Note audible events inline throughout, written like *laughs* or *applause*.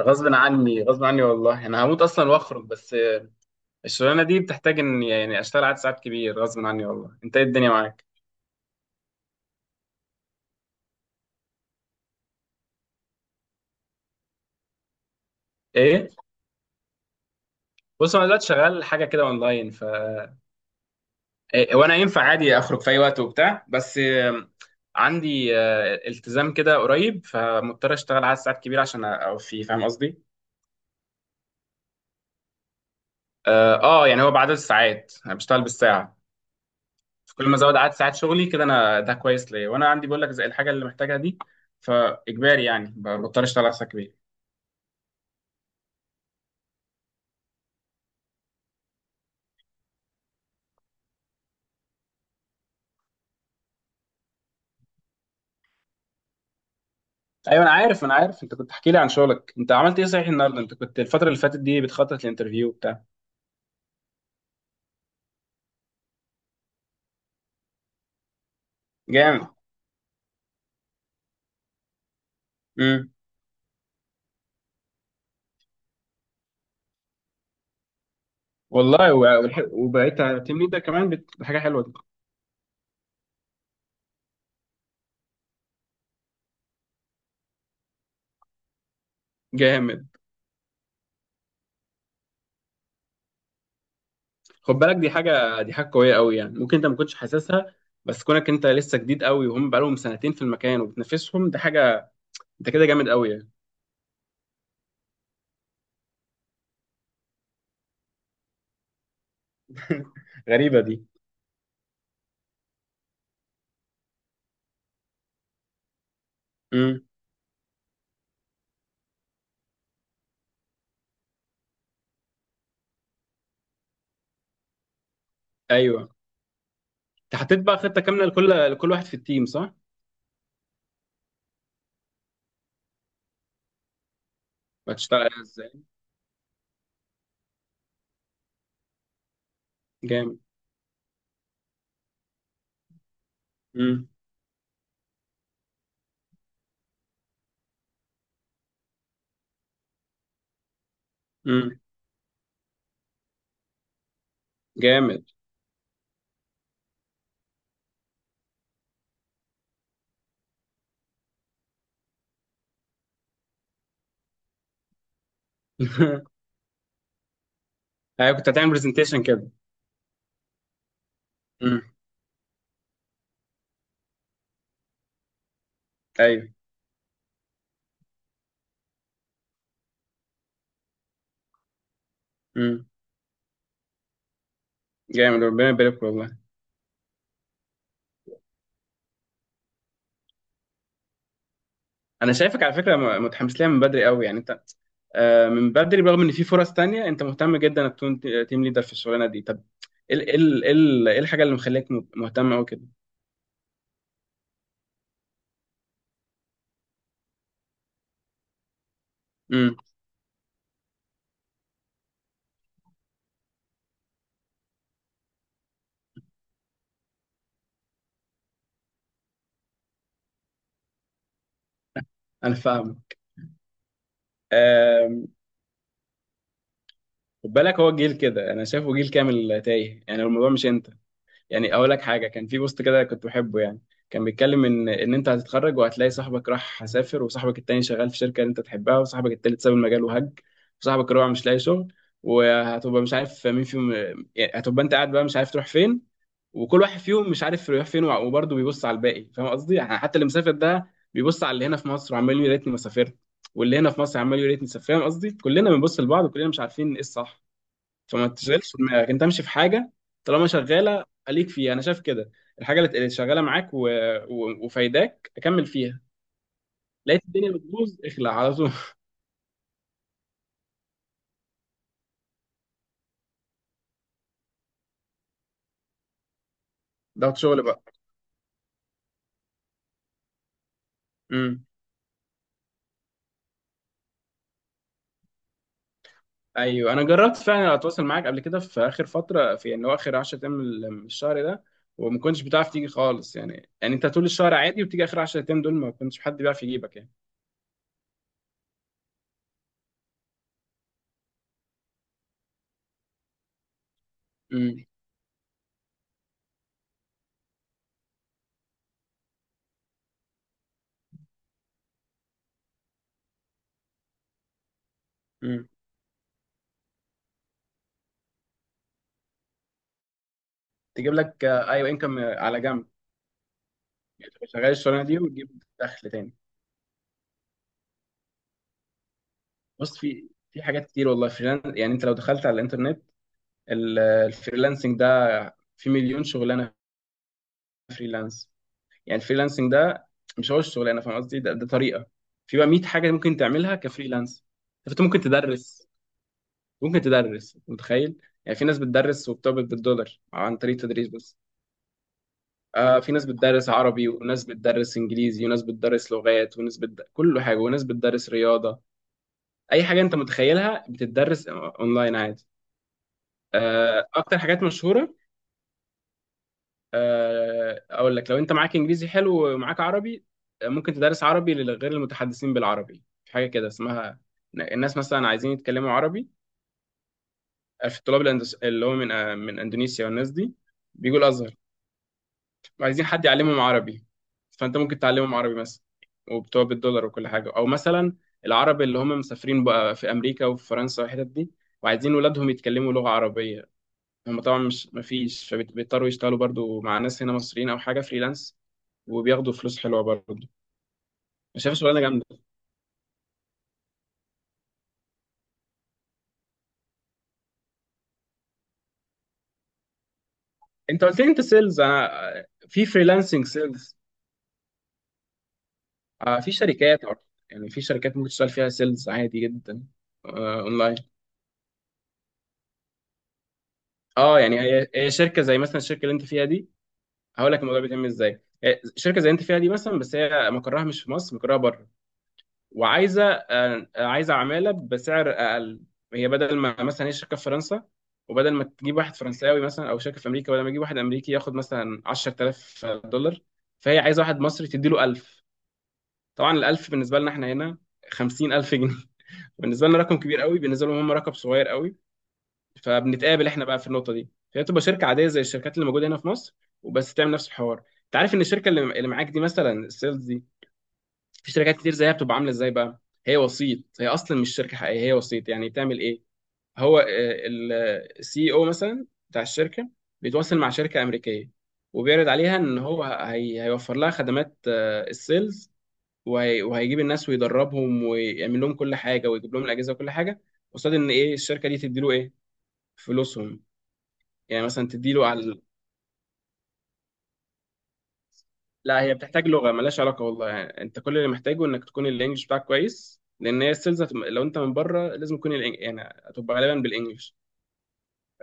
غصب عني، والله انا هموت اصلا واخرج بس. الشغلانه دي بتحتاج ان يعني اشتغل عدد ساعات كبير غصب عني والله. انت ايه الدنيا معاك؟ ايه، بص انا دلوقتي شغال حاجه كده اونلاين، ف إيه، وانا ينفع عادي اخرج في اي وقت وبتاع، بس عندي التزام كده قريب، فمضطر اشتغل عدد ساعات كبير عشان اوفي، فاهم قصدي؟ يعني هو بعدد الساعات، انا بشتغل بالساعه، فكل ما ازود عدد ساعات شغلي كده انا، ده كويس ليا وانا عندي بقول لك زي الحاجه اللي محتاجها دي، فاجباري يعني بضطر اشتغل على ساعات كبيره. ايوه انا عارف، انت كنت تحكي لي عن شغلك. انت عملت ايه صحيح النهارده؟ انت كنت الفتره اللي فاتت دي بتخطط لانترفيو بتاع. جامد. امم. والله و- والح- وبقيت تيم ليدر كمان؟ دي حاجه حلوه دي. جامد. خد بالك، دي حاجه قويه قوي، يعني ممكن انت ما كنتش حاسسها، بس كونك انت لسه جديد قوي وهم بقالهم سنتين في المكان وبتنافسهم، ده حاجه. انت كده جامد قوي يعني. *laughs* غريبه دي. امم. ايوه. انت حطيت بقى خطه كامله لكل واحد في التيم صح؟ هتشتغل ازاي؟ جامد. امم. امم. جامد. *laughs* ايوه كنت هتعمل برزنتيشن كده. امم. ايوه. امم. جامد، ربنا يبارك والله. انا شايفك على فكره متحمس لها من بدري قوي، يعني انت من بدري، برغم ان في فرص تانية، انت مهتم جدا انك تكون تيم ليدر في الشغلانه دي. طب ايه ال- إيه ال- إيه ال- إيه الحاجه اللي مخليك مهتم قوي كده؟ امم. انا فاهمه. آم، خد بالك، هو جيل كده، انا شايفه جيل كامل تايه، يعني الموضوع مش انت. يعني اقول لك حاجه، كان في بوست كده كنت بحبه يعني، كان بيتكلم ان انت هتتخرج وهتلاقي صاحبك راح سافر، وصاحبك التاني شغال في شركه اللي انت تحبها، وصاحبك التالت ساب المجال وهج، وصاحبك الرابع مش لاقي شغل، وهتبقى مش عارف مين فيهم، يعني هتبقى انت قاعد بقى مش عارف تروح فين، وكل واحد فيهم مش عارف يروح فين، وبرضه بيبص على الباقي، فاهم قصدي؟ يعني حتى اللي مسافر ده بيبص على اللي هنا في مصر وعمال يقول يا ريتني ما سافرت، واللي هنا في مصر عمال يقول يا ريتني سافرت. فاهم قصدي؟ كلنا بنبص لبعض وكلنا مش عارفين ايه الصح. فما تشغلش دماغك، انت امشي في حاجه طالما شغاله خليك فيها، انا شايف كده. الحاجه اللي شغاله معاك و... و... وفايداك اكمل فيها. لقيت الدنيا بتبوظ اخلع على طول. *laughs* ضغط شغل بقى. امم. ايوه انا جربت فعلا اتواصل معاك قبل كده في اخر فتره، في ان هو اخر 10 ايام من الشهر ده، وما كنتش بتعرف تيجي خالص، يعني يعني انت طول الشهر عادي وبتيجي اخر 10 ايام دول ما كنتش حد بيعرف يجيبك يعني. امم. امم. تجيب لك ايوه، انكم على جنب، يعني تبقى شغال الشغلانه دي وتجيب دخل تاني. بص، في حاجات كتير والله. فريلانس، يعني انت لو دخلت على الانترنت الفريلانسنج ده، في مليون شغلانه فريلانس. يعني الفريلانسنج ده مش هو الشغلانه، فاهم قصدي؟ ده طريقه، في بقى 100 حاجه ممكن تعملها كفريلانس. فانت ممكن تدرس، ممكن تدرس، متخيل؟ يعني في ناس بتدرس وبتقبض بالدولار عن طريق التدريس بس. آه، في ناس بتدرس عربي وناس بتدرس انجليزي وناس بتدرس لغات وناس كل حاجه، وناس بتدرس رياضه. اي حاجه انت متخيلها بتدرس اونلاين عادي. اكتر حاجات مشهوره، اقول لك، لو انت معاك انجليزي حلو ومعاك عربي، ممكن تدرس عربي لغير المتحدثين بالعربي، في حاجه كده اسمها، الناس مثلا عايزين يتكلموا عربي، في الطلاب الاندس- اللي هو من آه، من اندونيسيا والناس دي بيجوا الازهر، عايزين حد يعلمهم عربي، فانت ممكن تعلمهم عربي مثلا وبتوع بالدولار وكل حاجه. او مثلا العرب اللي هم مسافرين بقى في امريكا وفي فرنسا والحتت دي وعايزين ولادهم يتكلموا لغه عربيه، هم طبعا مش مفيش، فبيضطروا يشتغلوا برضو مع ناس هنا مصريين او حاجه فريلانس، وبياخدوا فلوس حلوه برضو. انا شايف شغلانه جامده. انت قلت لي انت سيلز، انا في فريلانسنج سيلز، في شركات أو- يعني في شركات ممكن تشتغل فيها سيلز عادي جدا اونلاين. اه، يعني هي شركه زي مثلا الشركه اللي انت فيها دي. هقول لك الموضوع بيتم ازاي. هي شركه زي انت فيها دي مثلا، بس هي مقرها مش في مصر، مقرها بره، وعايزه آه، عايزه عماله بسعر اقل. هي بدل ما مثلا، هي شركه في فرنسا وبدل ما تجيب واحد فرنساوي، مثلا او شركه في امريكا بدل ما تجيب واحد امريكي ياخد مثلا 10000 دولار، فهي عايزه واحد مصري تديله 1000. طبعا ال 1000 بالنسبه لنا احنا هنا 50000 جنيه. *laughs* بالنسبه لنا رقم كبير قوي، بالنسبه لهم هم رقم صغير قوي. فبنتقابل احنا بقى في النقطه دي. فهي تبقى شركه عاديه زي الشركات اللي موجوده هنا في مصر، وبس تعمل نفس الحوار. انت عارف ان الشركه اللي معاك دي مثلا، السيلز، في شركات كتير زيها، بتبقى عامله ازاي بقى؟ هي وسيط، هي اصلا مش شركه حقيقيه، هي وسيط. يعني تعمل ايه؟ هو السي او مثلا بتاع الشركه بيتواصل مع شركه امريكيه وبيعرض عليها ان هو هي هيوفر لها خدمات السيلز، وهي- وهيجيب الناس ويدربهم ويعمل لهم كل حاجه ويجيب لهم الاجهزه وكل حاجه، قصاد ان ايه؟ الشركه دي تديله ايه؟ فلوسهم، يعني مثلا تديله على. لا، هي بتحتاج لغه، ملهاش علاقه والله، يعني انت كل اللي محتاجه انك تكون الانجليش بتاعك كويس، لان هي السيلز لو انت من بره لازم تكون يعني هتبقى غالبا بالانجليش.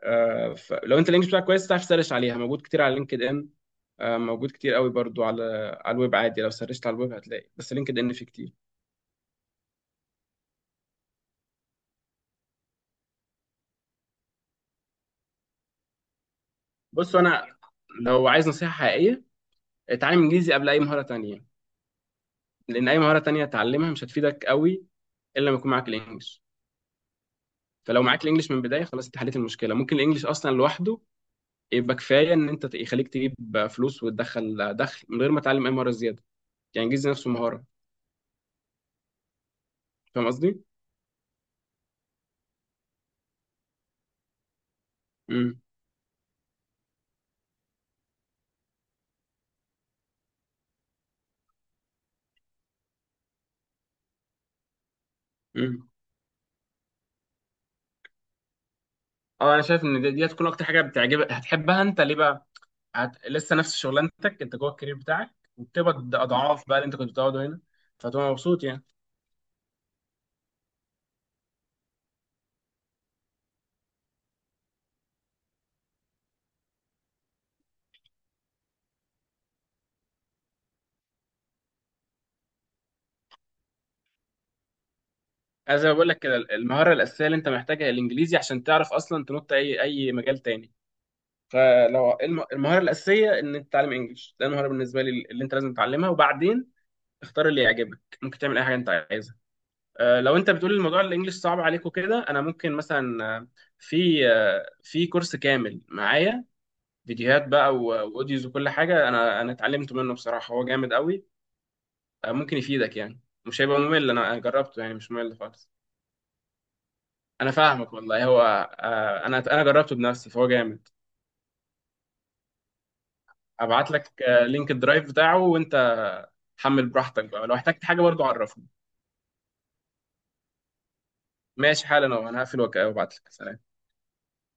آه، فلو انت الانجليش بتاعك كويس تعرف تسرش عليها، موجود كتير على لينكد ان، آه موجود كتير قوي برضو على على الويب عادي، لو سرشت على الويب هتلاقي، بس لينكد ان فيه كتير. بص انا، لو عايز نصيحه حقيقيه، اتعلم انجليزي قبل اي مهاره تانية، لان اي مهاره تانية تتعلمها مش هتفيدك قوي الا لما يكون معاك الانجليش. فلو معاك الانجليش من البدايه، خلاص انت حليت المشكله. ممكن الانجليش اصلا لوحده يبقى كفايه، ان انت يخليك تجيب فلوس وتدخل دخل من غير ما تتعلم اي مهاره زياده، يعني جيز نفسه مهاره. فاهم قصدي؟ امم. امم. اه، انا شايف ان دي هتكون اكتر حاجه بتعجبك هتحبها. انت ليه بقى؟ لسه نفس شغلانتك، انت جوه الكارير بتاعك، وبتقبض اضعاف بقى اللي انت كنت بتقعده هنا، فتبقى مبسوط يعني. انا زي ما بقول لك كده، المهاره الاساسيه اللي انت محتاجها هي الانجليزي، عشان تعرف اصلا تنط اي مجال تاني. فلو المهاره الاساسيه ان انت تتعلم انجلش، ده المهاره بالنسبه لي اللي انت لازم تتعلمها، وبعدين اختار اللي يعجبك، ممكن تعمل اي حاجه انت عايزها. لو انت بتقول الموضوع الانجليش صعب عليك وكده، انا ممكن مثلا في كورس كامل معايا، فيديوهات بقى و- واوديوز وكل حاجه، انا اتعلمت منه بصراحه، هو جامد قوي. ممكن يفيدك، يعني مش هيبقى ممل، انا جربته، يعني مش ممل خالص. انا فاهمك والله. هو انا جربته بنفسي فهو جامد. ابعت لك لينك الدرايف بتاعه، وانت حمل براحتك بقى، لو احتجت حاجه برضو عرفني. ماشي، حالا انا هقفل وابعت لك. سلام.